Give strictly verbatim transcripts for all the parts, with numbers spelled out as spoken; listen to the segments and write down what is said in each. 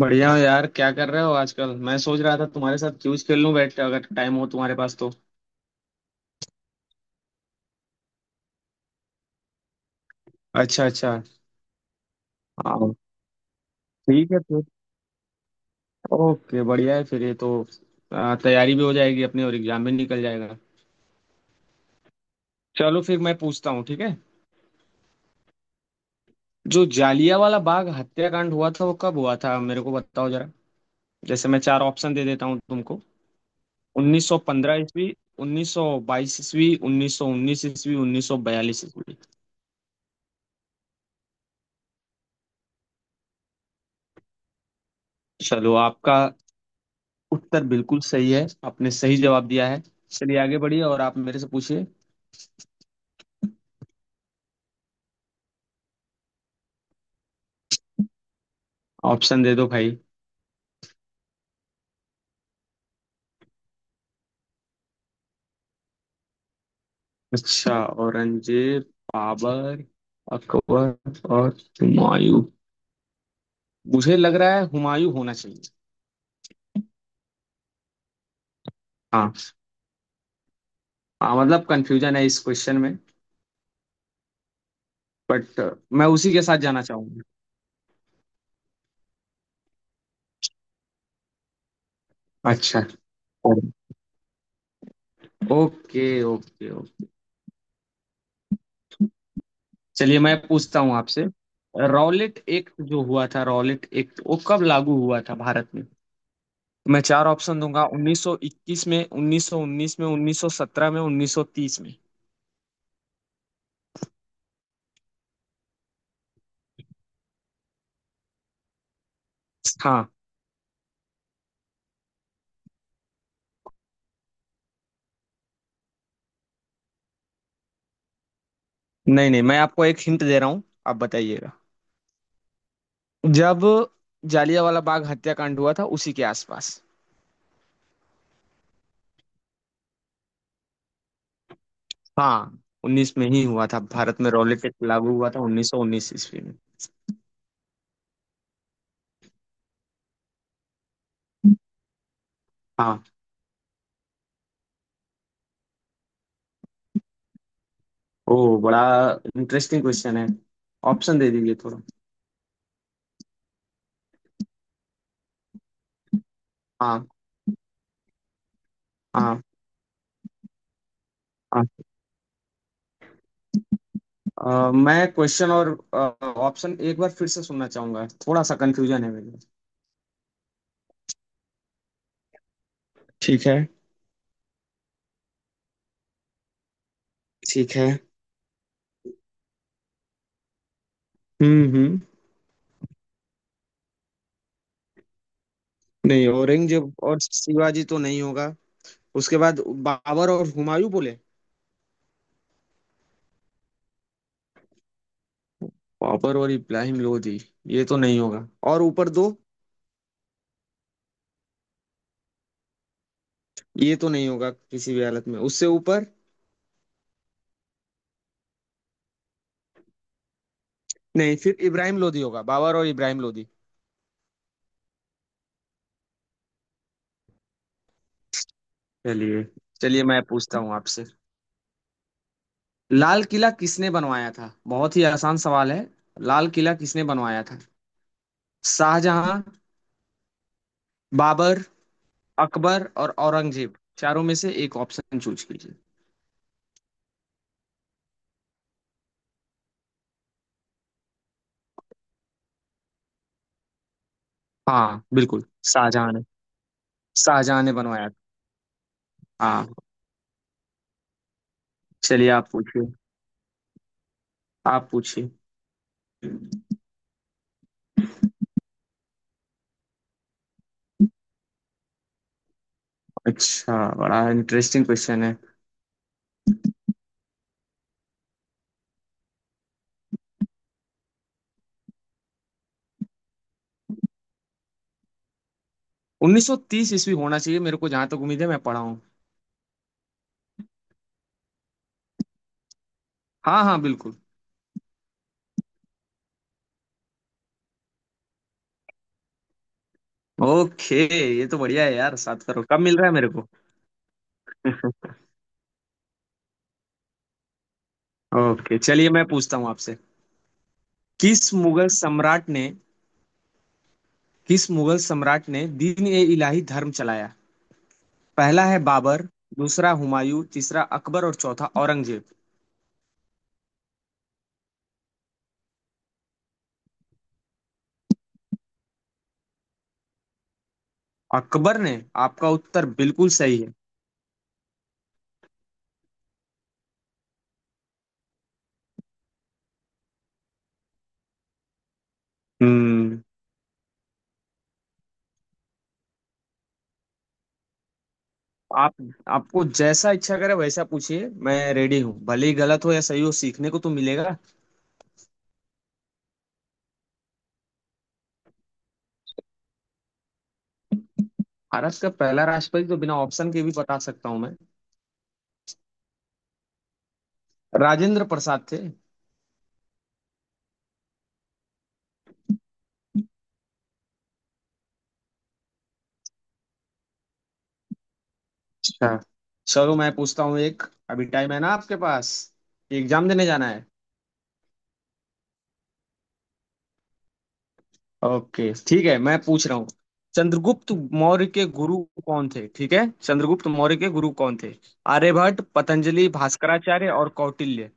बढ़िया हो यार, क्या कर रहे हो आजकल? मैं सोच रहा था तुम्हारे साथ क्यूज खेल लूं बैठ के, अगर टाइम हो तुम्हारे पास तो। अच्छा अच्छा। हाँ। ठीक है फिर। ओके, बढ़िया है फिर ये तो। आ, तैयारी भी हो जाएगी अपनी और एग्जाम भी निकल जाएगा। चलो फिर मैं पूछता हूँ, ठीक है। जो जालियांवाला बाग हत्याकांड हुआ था वो कब हुआ था, मेरे को बताओ जरा। जैसे मैं चार ऑप्शन दे देता हूँ तुमको। उन्नीस सौ पंद्रह ईस्वी, उन्नीस सौ बाईस ईस्वी, उन्नीस सौ उन्नीस ईस्वी, उन्नीस सौ बयालीस ईस्वी। चलो, आपका उत्तर बिल्कुल सही है। आपने सही जवाब दिया है। चलिए आगे बढ़िए और आप मेरे से पूछिए। ऑप्शन दे दो भाई। अच्छा। औरंगजेब, बाबर, अकबर और हुमायूं। मुझे लग रहा है हुमायूं होना चाहिए। हाँ। हाँ मतलब, कंफ्यूजन है इस क्वेश्चन में, बट मैं उसी के साथ जाना चाहूंगा। अच्छा। ओके। Okay okay. चलिए मैं पूछता हूँ आपसे। रॉलेट एक्ट जो हुआ था, रॉलेट एक्ट वो कब लागू हुआ था भारत में? मैं चार ऑप्शन दूंगा। उन्नीस सौ इक्कीस में, उन्नीस सौ उन्नीस में, उन्नीस सौ सत्रह में, उन्नीस सौ तीस में। हाँ। नहीं नहीं, मैं आपको एक हिंट दे रहा हूँ, आप बताइएगा। जब जालियांवाला बाग हत्याकांड हुआ था उसी के आसपास। हाँ। उन्नीस में ही हुआ था, भारत में रॉलेट एक्ट लागू हुआ था उन्नीस सौ उन्नीस ईस्वी में। हाँ। ओ, बड़ा इंटरेस्टिंग क्वेश्चन है। ऑप्शन दे दीजिए थोड़ा। हाँ हाँ हाँ। अ, मैं क्वेश्चन और ऑप्शन एक बार फिर से सुनना चाहूंगा, थोड़ा सा कंफ्यूजन है मेरे को। ठीक है। ठीक है। हम्म हम्म। नहीं, औरंगजेब और शिवाजी तो नहीं होगा। उसके बाद बाबर और हुमायूं बोले। बाबर और इब्राहिम लोधी, ये तो नहीं होगा। और ऊपर दो, ये तो नहीं होगा किसी भी हालत में। उससे ऊपर, नहीं। फिर इब्राहिम लोधी होगा, बाबर और इब्राहिम लोधी। चलिए। चलिए मैं पूछता हूँ आपसे। लाल किला किसने बनवाया था? बहुत ही आसान सवाल है। लाल किला किसने बनवाया था? शाहजहां, बाबर, अकबर और औरंगजेब, चारों में से एक ऑप्शन चूज कीजिए। हाँ बिल्कुल। शाहजहां। शाहजहां ने बनवाया था हाँ। चलिए आप पूछिए। आप पूछिए। अच्छा, बड़ा इंटरेस्टिंग क्वेश्चन है। उन्नीस सौ तीस ईस्वी होना चाहिए, मेरे को जहां तक उम्मीद है, मैं पढ़ा हूँ। हाँ हाँ बिल्कुल। ओके। ये तो बढ़िया है यार, सात करोड़ कब मिल रहा है मेरे को? ओके चलिए मैं पूछता हूँ आपसे। किस मुगल सम्राट ने, किस मुगल सम्राट ने दीन ए इलाही धर्म चलाया? पहला है बाबर, दूसरा हुमायूं, तीसरा अकबर और चौथा औरंगजेब। अकबर ने। आपका उत्तर बिल्कुल सही है। हम्म। आप आपको जैसा इच्छा करे वैसा पूछिए, मैं रेडी हूँ, भले ही गलत हो या सही हो, सीखने को तो मिलेगा। भारत का पहला राष्ट्रपति तो बिना ऑप्शन के भी बता सकता हूँ मैं। राजेंद्र प्रसाद थे। अच्छा। चलो मैं पूछता हूँ एक। अभी टाइम है ना आपके पास? एग्जाम देने जाना है? ओके ठीक है मैं पूछ रहा हूँ। चंद्रगुप्त मौर्य के गुरु कौन थे, ठीक है? चंद्रगुप्त मौर्य के गुरु कौन थे? आर्यभट्ट, पतंजलि, भास्कराचार्य और कौटिल्य।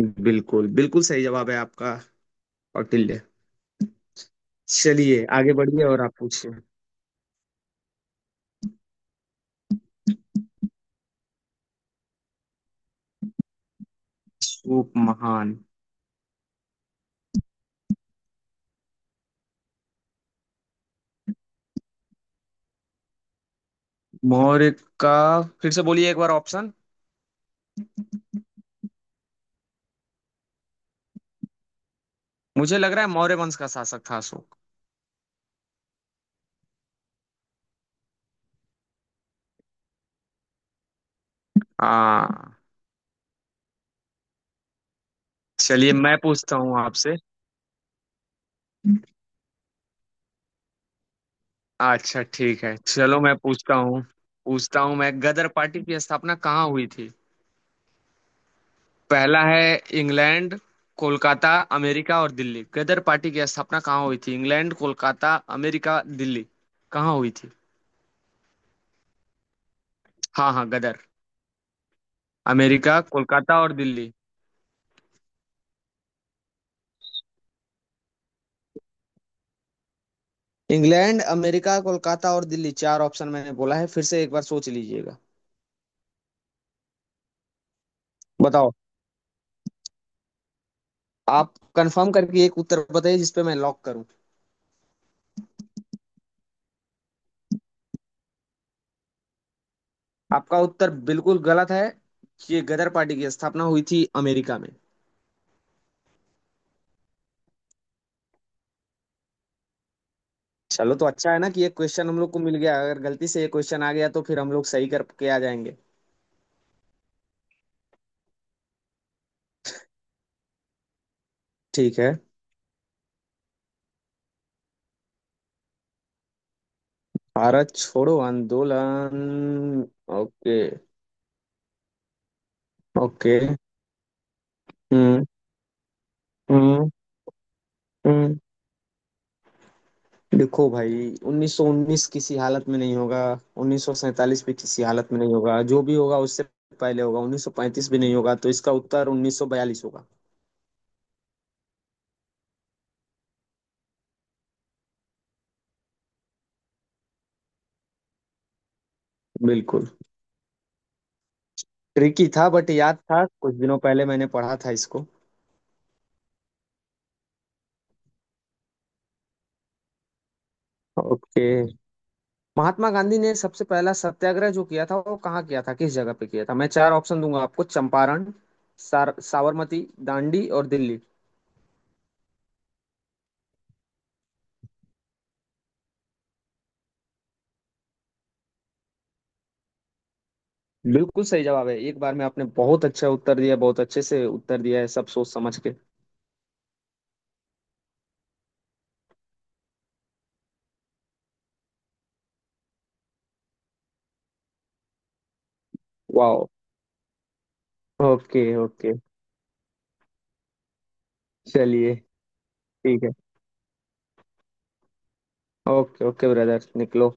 बिल्कुल, बिल्कुल सही जवाब है आपका। कौटिल्य। चलिए आगे बढ़िए और आप पूछिए। सूप महान। मौर्य का, फिर से बोलिए एक बार ऑप्शन। मुझे लग रहा है मौर्य वंश का शासक था अशोक। हाँ। चलिए मैं पूछता हूँ आपसे। अच्छा ठीक है, चलो मैं पूछता हूँ। पूछता हूँ मैं, गदर पार्टी की स्थापना कहाँ हुई थी? पहला है इंग्लैंड, कोलकाता, अमेरिका और दिल्ली। गदर पार्टी की स्थापना कहाँ हुई थी? इंग्लैंड, कोलकाता, अमेरिका, दिल्ली, कहाँ हुई थी? हाँ हाँ, गदर। अमेरिका, कोलकाता और दिल्ली, इंग्लैंड, अमेरिका, कोलकाता और दिल्ली, चार ऑप्शन मैंने बोला है, फिर से एक बार सोच लीजिएगा। बताओ। आप कंफर्म करके एक उत्तर बताइए जिस पे मैं लॉक करूं। आपका उत्तर बिल्कुल गलत है। ये गदर पार्टी की स्थापना हुई थी अमेरिका में। चलो तो अच्छा है ना कि ये क्वेश्चन हम लोग को मिल गया, अगर गलती से ये क्वेश्चन आ गया तो फिर हम लोग सही करके आ जाएंगे। ठीक है। भारत छोड़ो आंदोलन। ओके। ओके। हम्म हम्म हम्म देखो भाई, उन्नीस सौ उन्नीस किसी हालत में नहीं होगा, उन्नीस सौ सैंतालीस भी किसी हालत में नहीं होगा, जो भी होगा उससे पहले होगा, उन्नीस सौ पैंतीस भी नहीं होगा, तो इसका उत्तर उन्नीस सौ बयालीस होगा। बिल्कुल। ट्रिकी था बट याद था, कुछ दिनों पहले मैंने पढ़ा था इसको। ओके। महात्मा गांधी ने सबसे पहला सत्याग्रह जो किया था वो कहाँ किया था, किस जगह पे किया था? मैं चार ऑप्शन दूंगा आपको। चंपारण, सार, साबरमती, दांडी और दिल्ली। बिल्कुल सही जवाब है, एक बार में आपने बहुत अच्छा उत्तर दिया, बहुत अच्छे से उत्तर दिया है सब सोच समझ के। वाह। Okay okay. चलिए ठीक है। ओके ओके ब्रदर, निकलो।